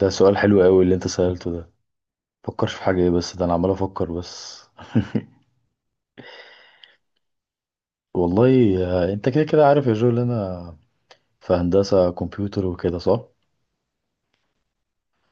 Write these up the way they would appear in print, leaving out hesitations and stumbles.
ده سؤال حلو قوي اللي انت سألته ده. فكرش في حاجة ايه؟ بس ده انا عمال افكر بس. والله. انت كده كده عارف يا جو اللي انا في هندسة كمبيوتر وكده، صح؟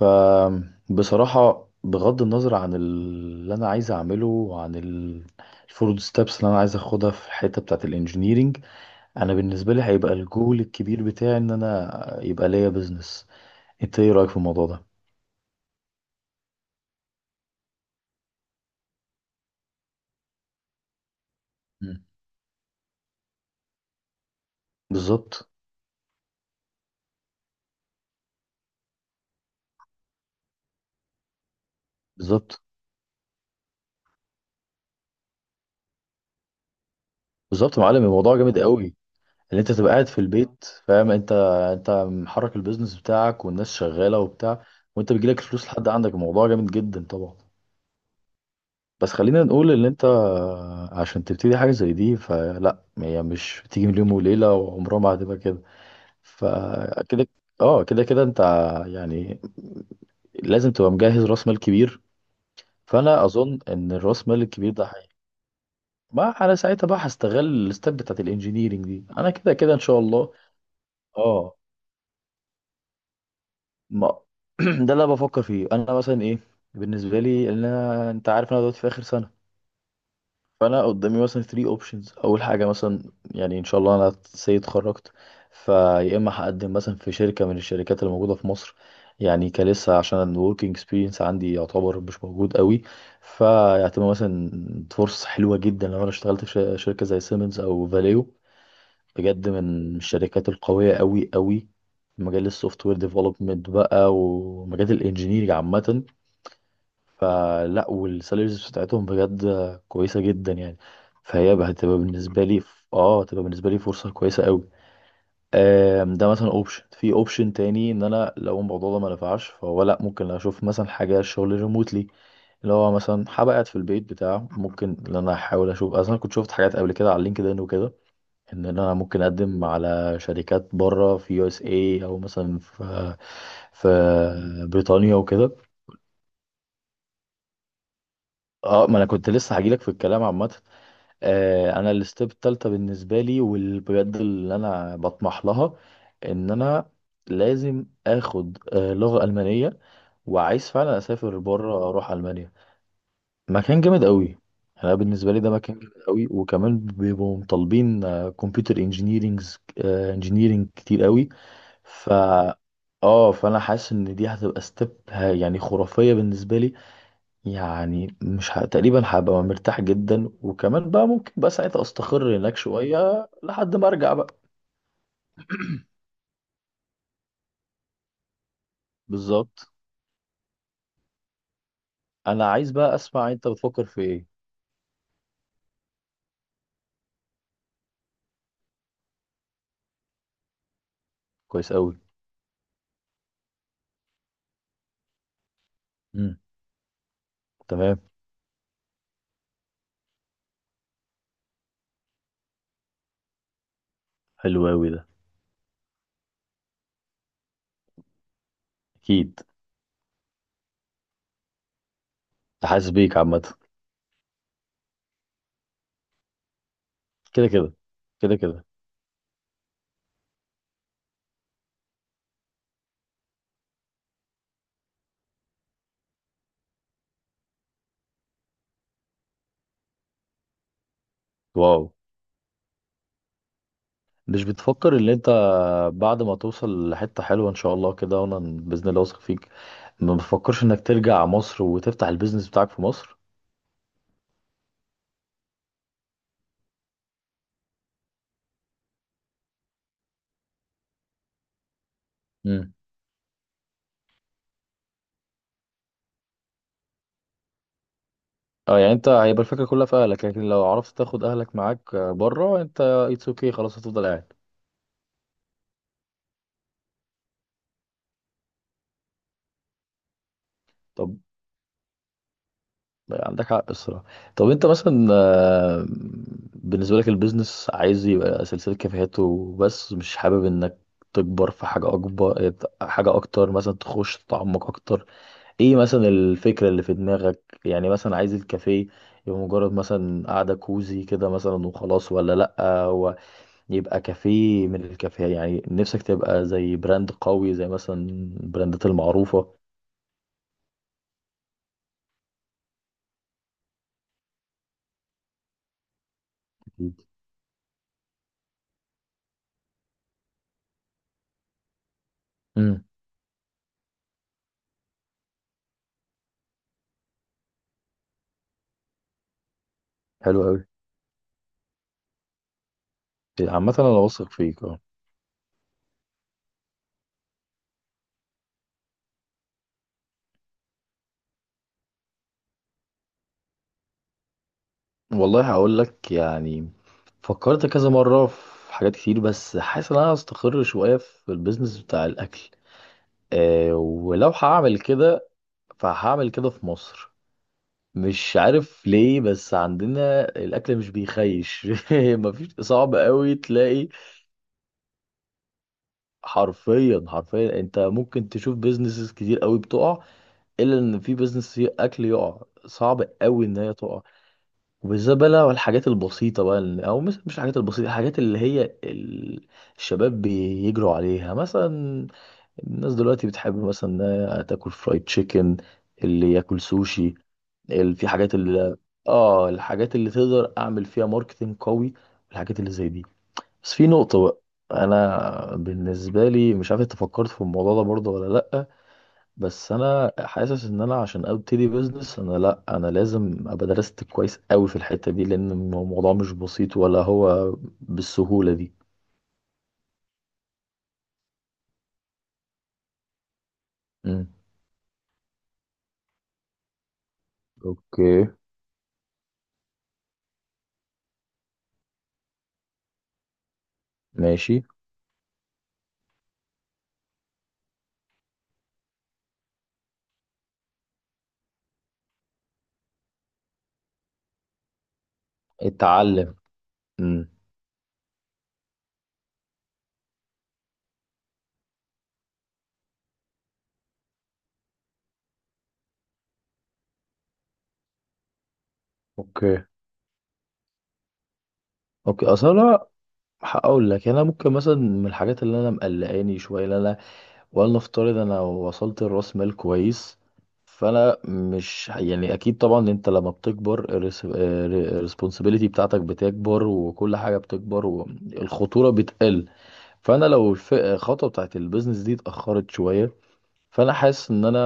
فبصراحة بغض النظر عن اللي انا عايز اعمله وعن الفروض ستابس اللي انا عايز اخدها في الحتة بتاعة الانجينيرينج، انا بالنسبة لي هيبقى الجول الكبير بتاعي ان انا يبقى ليا بيزنس. انت ايه رأيك في الموضوع ده؟ مم. بالظبط. بالظبط، بالظبط يا معلم، الموضوع جامد قوي. اللي انت تبقى قاعد في البيت، فاهم انت؟ انت محرك البيزنس بتاعك والناس شغاله وبتاع، وانت بيجيلك الفلوس لحد عندك. الموضوع جامد جدا طبعا. بس خلينا نقول ان انت عشان تبتدي حاجه زي دي، فلا هي مش بتيجي من يوم وليله، وعمرها ما هتبقى كده. فكده، اه كده كده انت يعني لازم تبقى مجهز راس مال كبير. فانا اظن ان الراس مال الكبير ده حقيقي. ما انا ساعتها بقى هستغل الستep بتاعت الانجينيرنج دي، انا كده كده ان شاء الله. اه. ما ده اللي أنا بفكر فيه، انا مثلا ايه بالنسبه لي؟ ان انا انت عارف انا دلوقتي في اخر سنه، فانا قدامي مثلا 3 اوبشنز. اول حاجه مثلا، يعني ان شاء الله انا سي اتخرجت، فيا اما هقدم مثلا في شركه من الشركات اللي موجوده في مصر، يعني كلسه عشان الوركينج اكسبيرينس عندي يعتبر مش موجود قوي. فيعتبر مثلا فرصه حلوه جدا لو انا اشتغلت في شركه زي سيمنز او فاليو، بجد من الشركات القوية قوي قوي في مجال السوفت وير ديفلوبمنت بقى ومجال الانجينيرنج عامة. لا والسالاريز بتاعتهم بجد كويسة جدا يعني. فهي بقى هتبقى بالنسبة لي هتبقى بالنسبة لي فرصة كويسة قوي. ده مثلا اوبشن. في اوبشن تاني، ان انا لو الموضوع ده ما نفعش، فهو لا ممكن اشوف مثلا حاجة شغل ريموتلي، اللي هو مثلا هبقى قاعد في البيت بتاع ممكن ان انا احاول اشوف، اصلا كنت شفت حاجات قبل كده على لينكد ان وكده، ان انا ممكن اقدم على شركات بره في يو اس اي، او مثلا في في بريطانيا وكده. اه، ما انا كنت لسه هجيلك في الكلام. عامه، انا الستيب التالتة بالنسبه لي، والبجد اللي انا بطمح لها، ان انا لازم اخد لغه المانيه، وعايز فعلا اسافر بره، اروح المانيا. مكان جامد قوي. انا بالنسبه لي ده مكان جامد قوي، وكمان بيبقوا مطالبين كمبيوتر انجينيرينج كتير قوي. ف اه، فانا حاسس ان دي هتبقى ستيب يعني خرافيه بالنسبه لي. يعني مش ه... تقريبا هبقى مرتاح جدا، وكمان بقى ممكن بقى ساعتها استقر هناك شويه لحد ما ارجع بقى. بالظبط. انا عايز بقى اسمع انت بتفكر في ايه. كويس قوي. امم. تمام. حلو قوي ده. اكيد. حاسس بيك عامه. كده كده، كده كده. واو. مش بتفكر ان انت، بعد ما توصل لحته حلوه ان شاء الله كده، وانا باذن الله واثق فيك، ما بتفكرش انك ترجع مصر وتفتح البيزنس بتاعك في مصر؟ امم. اه يعني انت هيبقى الفكره كلها في اهلك، لكن لو عرفت تاخد اهلك معاك بره، انت اتس اوكي خلاص، هتفضل قاعد. طب عندك حق الصراحه. طب انت مثلا، بالنسبه لك البيزنس عايز يبقى سلسله كافيهات وبس؟ مش حابب انك تكبر في حاجه اكبر، حاجه اكتر مثلا، تخش تتعمق اكتر؟ ايه مثلا الفكرة اللي في دماغك؟ يعني مثلا عايز الكافيه يبقى مجرد مثلا قعدة كوزي كده مثلا وخلاص، ولا لأ؟ هو يبقى كافيه من الكافيه، يعني نفسك تبقى زي براند قوي زي مثلا البراندات المعروفة؟ امم. حلو قوي. عامة انا واثق فيك، اه. والله هقول لك يعني، فكرت كذا مرة في حاجات كتير، بس حاسس ان انا هستقر شوية في البيزنس بتاع الاكل. ولو هعمل كده، فهعمل كده في مصر. مش عارف ليه، بس عندنا الاكل مش بيخيش. مفيش، صعب قوي تلاقي، حرفيا، حرفيا، انت ممكن تشوف بيزنسز كتير قوي بتقع، الا ان في بيزنس اكل يقع، صعب قوي ان هي تقع. وبالذات بقى لو الحاجات البسيطه بقى، او مش الحاجات البسيطه، الحاجات اللي هي، الشباب بيجروا عليها مثلا. الناس دلوقتي بتحب مثلا انها تاكل فرايد تشيكن، اللي ياكل سوشي، في حاجات اللي، اه، الحاجات اللي تقدر اعمل فيها ماركتنج قوي، الحاجات اللي زي دي. بس في نقطة بقى. انا بالنسبة لي مش عارف انت فكرت في الموضوع ده برضه ولا لأ، بس انا حاسس ان انا عشان ابتدي بزنس، انا لأ، انا لازم ابقى درست كويس قوي في الحتة دي، لان الموضوع مش بسيط ولا هو بالسهولة دي. امم. اوكي. ماشي. اتعلم. امم. اوكي. اوكي، اصلا هقول لك انا ممكن مثلا من الحاجات اللي انا مقلقاني شويه اللي انا، ولنفترض انا وصلت لراس مال كويس، فانا مش يعني، اكيد طبعا انت لما بتكبر، الريسبونسابيلتي بتاعتك بتكبر، وكل حاجه بتكبر، والخطوره بتقل. فانا لو الخطوه بتاعت البيزنس دي اتاخرت شويه، فانا حاسس ان انا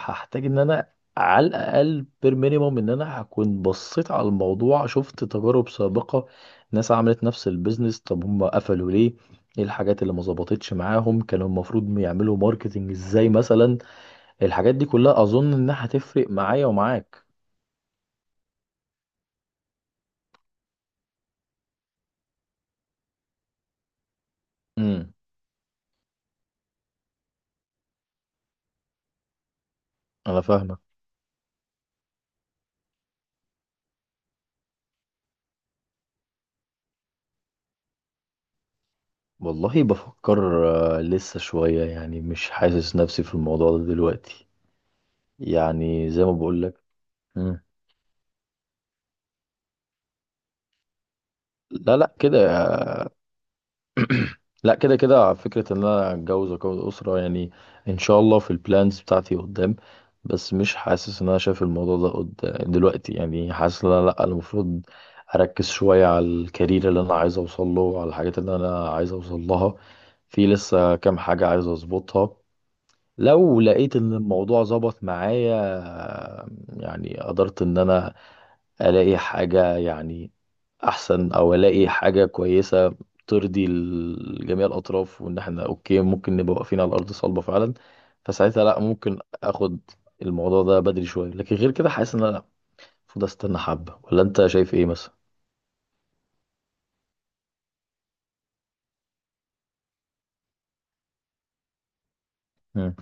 هحتاج ان انا، على الاقل بير مينيموم، ان انا هكون بصيت على الموضوع، شفت تجارب سابقه، ناس عملت نفس البيزنس، طب هم قفلوا ليه، ايه الحاجات اللي ما ظبطتش معاهم، كانوا المفروض يعملوا ماركتنج ازاي مثلا. الحاجات دي كلها اظن انها هتفرق معايا ومعاك. امم. انا فاهمك. والله بفكر. لسه شويه يعني، مش حاسس نفسي في الموضوع ده دلوقتي، يعني زي ما بقول لك. لا لا كده، لا كده كده، فكرة ان انا اتجوز واكون اسرة يعني ان شاء الله في البلانز بتاعتي قدام. بس مش حاسس ان انا شايف الموضوع ده قد دلوقتي، يعني حاسس ان انا لا، المفروض اركز شوية على الكارير اللي انا عايز اوصل له، وعلى الحاجات اللي انا عايز اوصل لها. في لسه كام حاجة عايز اظبطها. لو لقيت ان الموضوع ظبط معايا، يعني قدرت ان انا الاقي حاجة يعني احسن، او الاقي حاجة كويسة ترضي، جميع الاطراف، وان احنا اوكي، ممكن نبقى واقفين على الارض صلبة فعلا، فساعتها لا، ممكن اخد الموضوع ده بدري شوية. لكن غير كده حاسس ان انا المفروض استنى حبة، ولا انت شايف ايه مثلا؟ مم.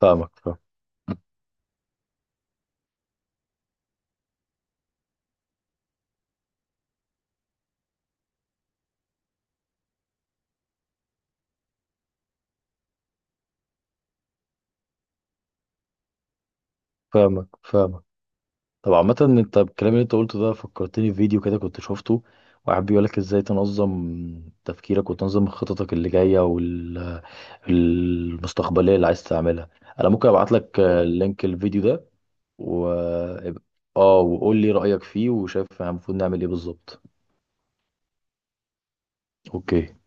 فاهمك فاهم- فاهمك، فاهمك. طب عامة انت الكلام اللي انت قلته ده فكرتني في فيديو كده كنت شفته، واحد بيقولك ازاي تنظم تفكيرك، وتنظم خططك اللي جاية المستقبليه اللي عايز تعملها. انا ممكن ابعت لك لينك الفيديو ده، و اه، وقول لي رايك فيه، وشايف المفروض نعمل ايه بالظبط. اوكي.